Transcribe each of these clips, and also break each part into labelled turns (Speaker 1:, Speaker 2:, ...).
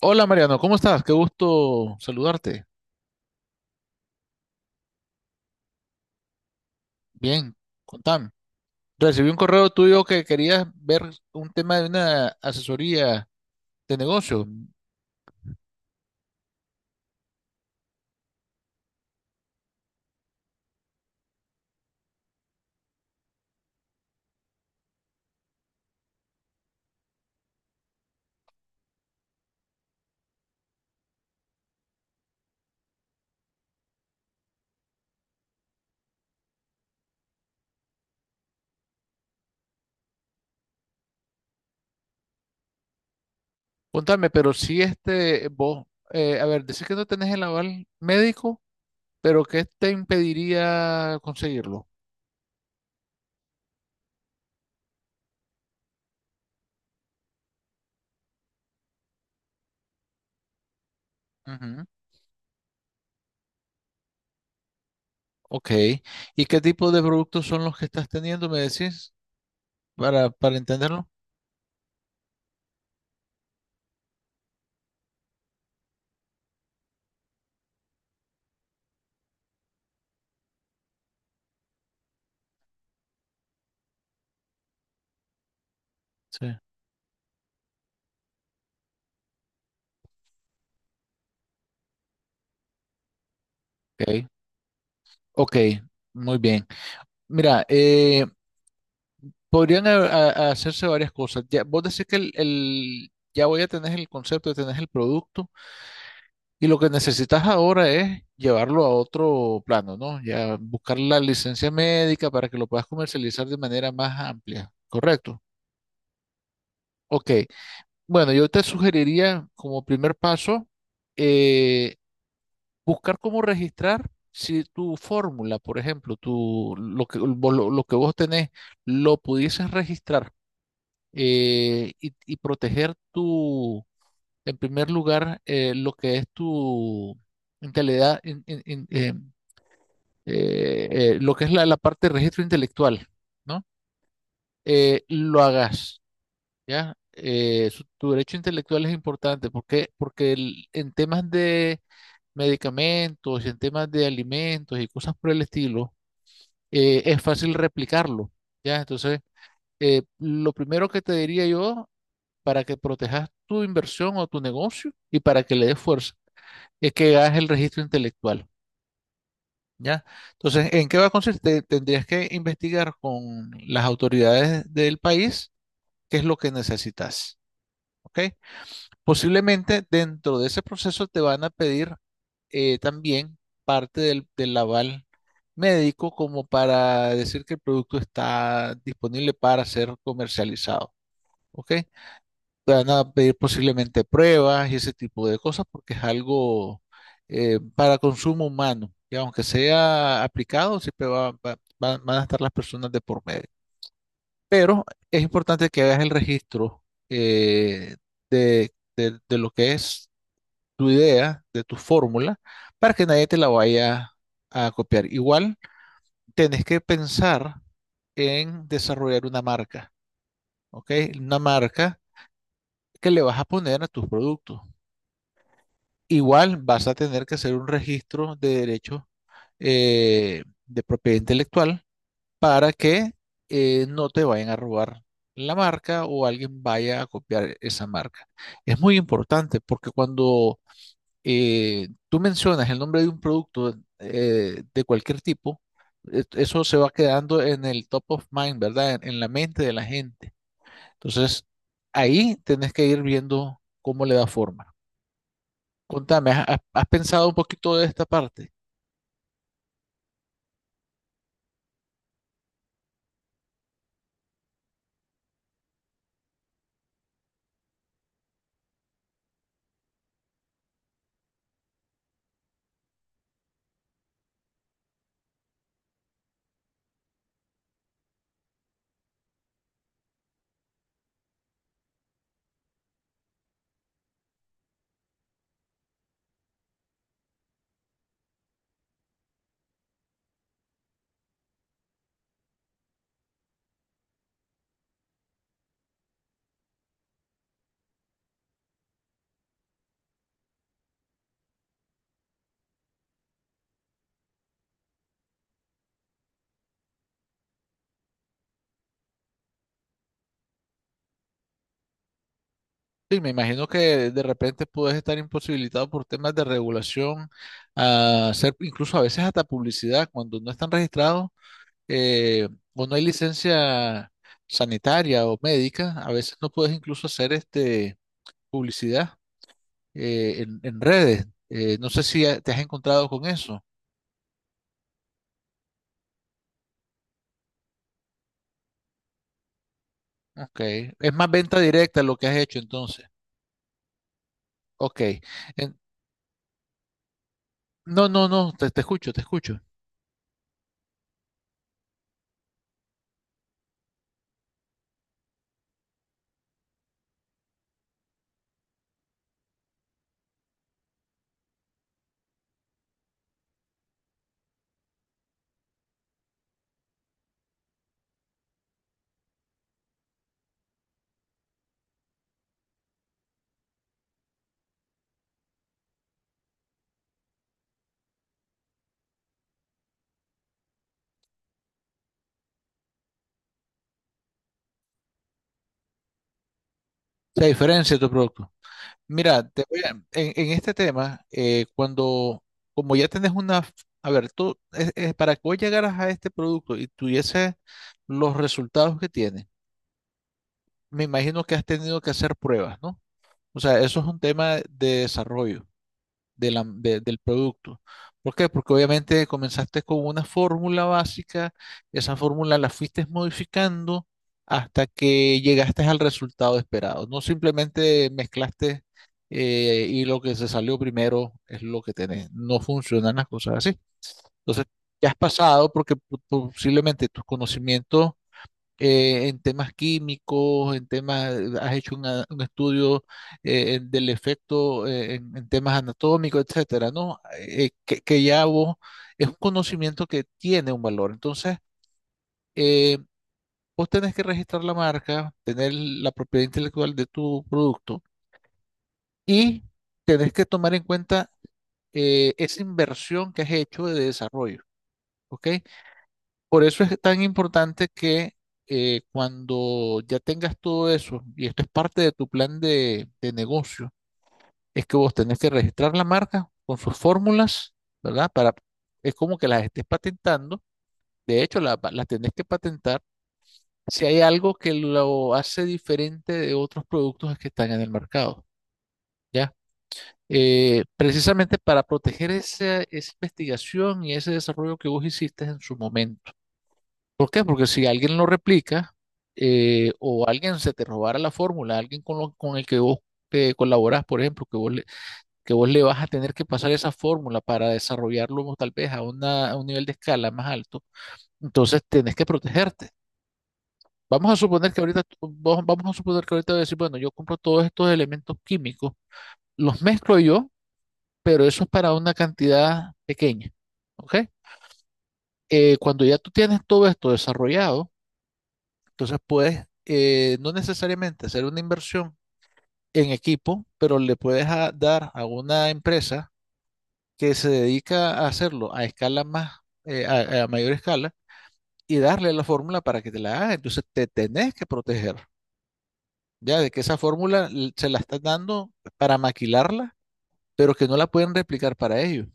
Speaker 1: Hola Mariano, ¿cómo estás? Qué gusto saludarte. Bien, contame. Recibí un correo tuyo que querías ver un tema de una asesoría de negocio. Contame, pero si este, vos, a ver, decís que no tenés el aval médico, pero ¿qué te impediría conseguirlo? Ujú. Ok. ¿Y qué tipo de productos son los que estás teniendo, me decís, para entenderlo? Sí. Ok, ok, muy bien. Mira, podrían hacerse varias cosas. Ya, vos decís que ya voy a tener el concepto, ya tenés el producto y lo que necesitas ahora es llevarlo a otro plano, ¿no? Ya buscar la licencia médica para que lo puedas comercializar de manera más amplia, ¿correcto? Ok. Bueno, yo te sugeriría como primer paso, eh, buscar cómo registrar si tu fórmula, por ejemplo, tu, lo que, lo que vos tenés, lo pudieses registrar, y proteger tu, en primer lugar, lo que es tu intelectualidad, lo que es la, la parte de registro intelectual, ¿no? Lo hagas, ¿ya? Tu derecho intelectual es importante porque, porque en temas de medicamentos, en temas de alimentos y cosas por el estilo, es fácil replicarlo, ¿ya? Entonces, lo primero que te diría yo para que protejas tu inversión o tu negocio y para que le des fuerza. Es que hagas el registro intelectual, ¿ya? Entonces, ¿en qué va a consistir? Tendrías que investigar con las autoridades del país qué es lo que necesitas, ¿ok? Posiblemente dentro de ese proceso te van a pedir, también parte del aval médico como para decir que el producto está disponible para ser comercializado, ¿ok? Van a pedir posiblemente pruebas y ese tipo de cosas porque es algo, para consumo humano. Y aunque sea aplicado, siempre van a estar las personas de por medio. Pero es importante que hagas el registro, eh, de, de lo que es tu idea, de tu fórmula, para que nadie te la vaya a copiar. Igual, tenés que pensar en desarrollar una marca, ¿ok? Una marca que le vas a poner a tus productos. Igual vas a tener que hacer un registro de derechos, de propiedad intelectual para que, no te vayan a robar la marca o alguien vaya a copiar esa marca. Es muy importante porque cuando, tú mencionas el nombre de un producto, de cualquier tipo, eso se va quedando en el top of mind, ¿verdad? En la mente de la gente. Entonces, ahí tenés que ir viendo cómo le da forma. Contame, ¿has, has pensado un poquito de esta parte? Sí, me imagino que de repente puedes estar imposibilitado por temas de regulación, a hacer incluso a veces hasta publicidad cuando no están registrados, eh, o no hay licencia sanitaria o médica, a veces no puedes incluso hacer este publicidad, en redes. No sé si te has encontrado con eso. Ok, es más venta directa lo que has hecho entonces. Ok. En- no, no, no, te escucho, te escucho. La diferencia de tu producto. Mira, en este tema, cuando, como ya tenés una, a ver, tú, es para que vos llegaras a este producto y tuvieses los resultados que tiene, me imagino que has tenido que hacer pruebas, ¿no? O sea, eso es un tema de desarrollo del producto. ¿Por qué? Porque obviamente comenzaste con una fórmula básica, esa fórmula la fuiste modificando hasta que llegaste al resultado esperado. No simplemente mezclaste, y lo que se salió primero es lo que tenés. No funcionan las cosas así. Entonces, ya has pasado porque posiblemente tus conocimientos, en temas químicos, en temas, has hecho un estudio, del efecto, en temas anatómicos, etcétera, ¿no? Que ya vos es un conocimiento que tiene un valor. Entonces, eh, vos tenés que registrar la marca, tener la propiedad intelectual de tu producto y tenés que tomar en cuenta, esa inversión que has hecho de desarrollo, ¿ok? Por eso es tan importante que, cuando ya tengas todo eso, y esto es parte de tu plan de negocio, es que vos tenés que registrar la marca con sus fórmulas, ¿verdad? Para, es como que las estés patentando. De hecho, las tenés que patentar si hay algo que lo hace diferente de otros productos que están en el mercado, ¿ya? Precisamente para proteger esa, esa investigación y ese desarrollo que vos hiciste en su momento. ¿Por qué? Porque si alguien lo replica, o alguien se te robara la fórmula, alguien con, con el que vos te colaborás, por ejemplo, que vos le vas a tener que pasar esa fórmula para desarrollarlo tal vez a, a un nivel de escala más alto, entonces tenés que protegerte. Vamos a suponer que ahorita, vamos a suponer que ahorita voy a decir, bueno, yo compro todos estos elementos químicos, los mezclo yo, pero eso es para una cantidad pequeña, ¿ok? Cuando ya tú tienes todo esto desarrollado, entonces puedes, no necesariamente hacer una inversión en equipo, pero le puedes dar a una empresa que se dedica a hacerlo a escala más, a mayor escala, y darle la fórmula para que te la haga. Entonces te tenés que proteger, ya de que esa fórmula se la estás dando para maquilarla, pero que no la pueden replicar para ellos,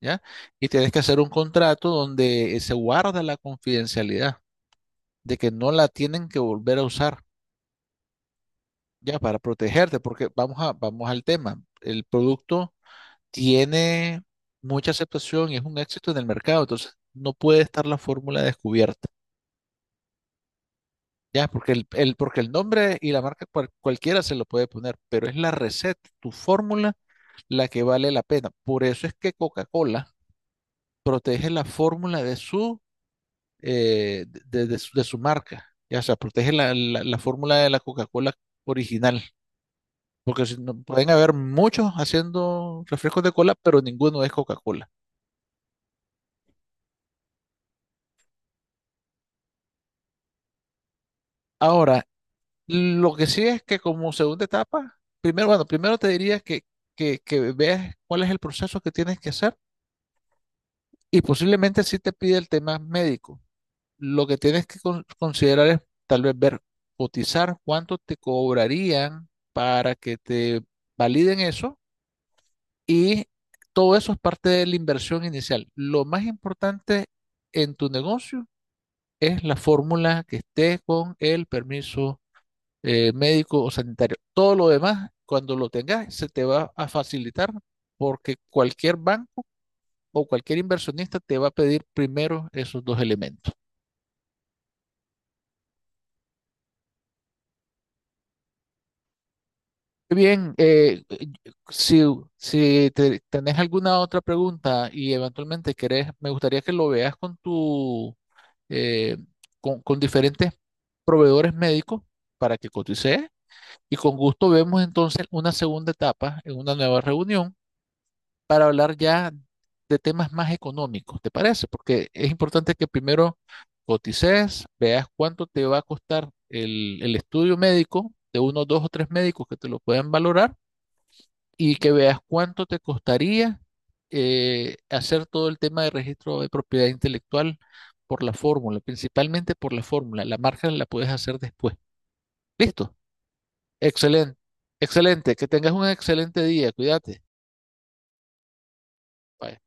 Speaker 1: ¿ya? Y tienes que hacer un contrato donde, se guarda la confidencialidad, de que no la tienen que volver a usar, ya para protegerte, porque vamos a, vamos al tema. El producto tiene mucha aceptación y es un éxito en el mercado, entonces no puede estar la fórmula descubierta, ya, porque porque el nombre y la marca cualquiera se lo puede poner, pero es la receta, tu fórmula, la que vale la pena. Por eso es que Coca-Cola protege la fórmula de su, de su, de su marca, ya, o sea, protege la, la fórmula de la Coca-Cola original. Porque si no, pueden haber muchos haciendo refrescos de cola, pero ninguno es Coca-Cola. Ahora, lo que sí es que como segunda etapa, primero, bueno, primero te diría que veas cuál es el proceso que tienes que hacer y posiblemente sí te pide el tema médico. Lo que tienes que considerar es tal vez ver, cotizar cuánto te cobrarían para que te validen eso y todo eso es parte de la inversión inicial. Lo más importante en tu negocio es la fórmula que esté con el permiso, médico o sanitario. Todo lo demás, cuando lo tengas, se te va a facilitar porque cualquier banco o cualquier inversionista te va a pedir primero esos dos elementos. Bien, si, si tenés alguna otra pregunta y eventualmente querés, me gustaría que lo veas con tu, eh, con diferentes proveedores médicos para que cotices. Y con gusto vemos entonces una segunda etapa en una nueva reunión para hablar ya de temas más económicos, ¿te parece? Porque es importante que primero cotices, veas cuánto te va a costar el estudio médico de uno, dos o tres médicos que te lo puedan valorar y que veas cuánto te costaría, hacer todo el tema de registro de propiedad intelectual por la fórmula, principalmente por la fórmula. La marca la puedes hacer después. ¿Listo? Excelente, excelente, que tengas un excelente día, cuídate. Bye.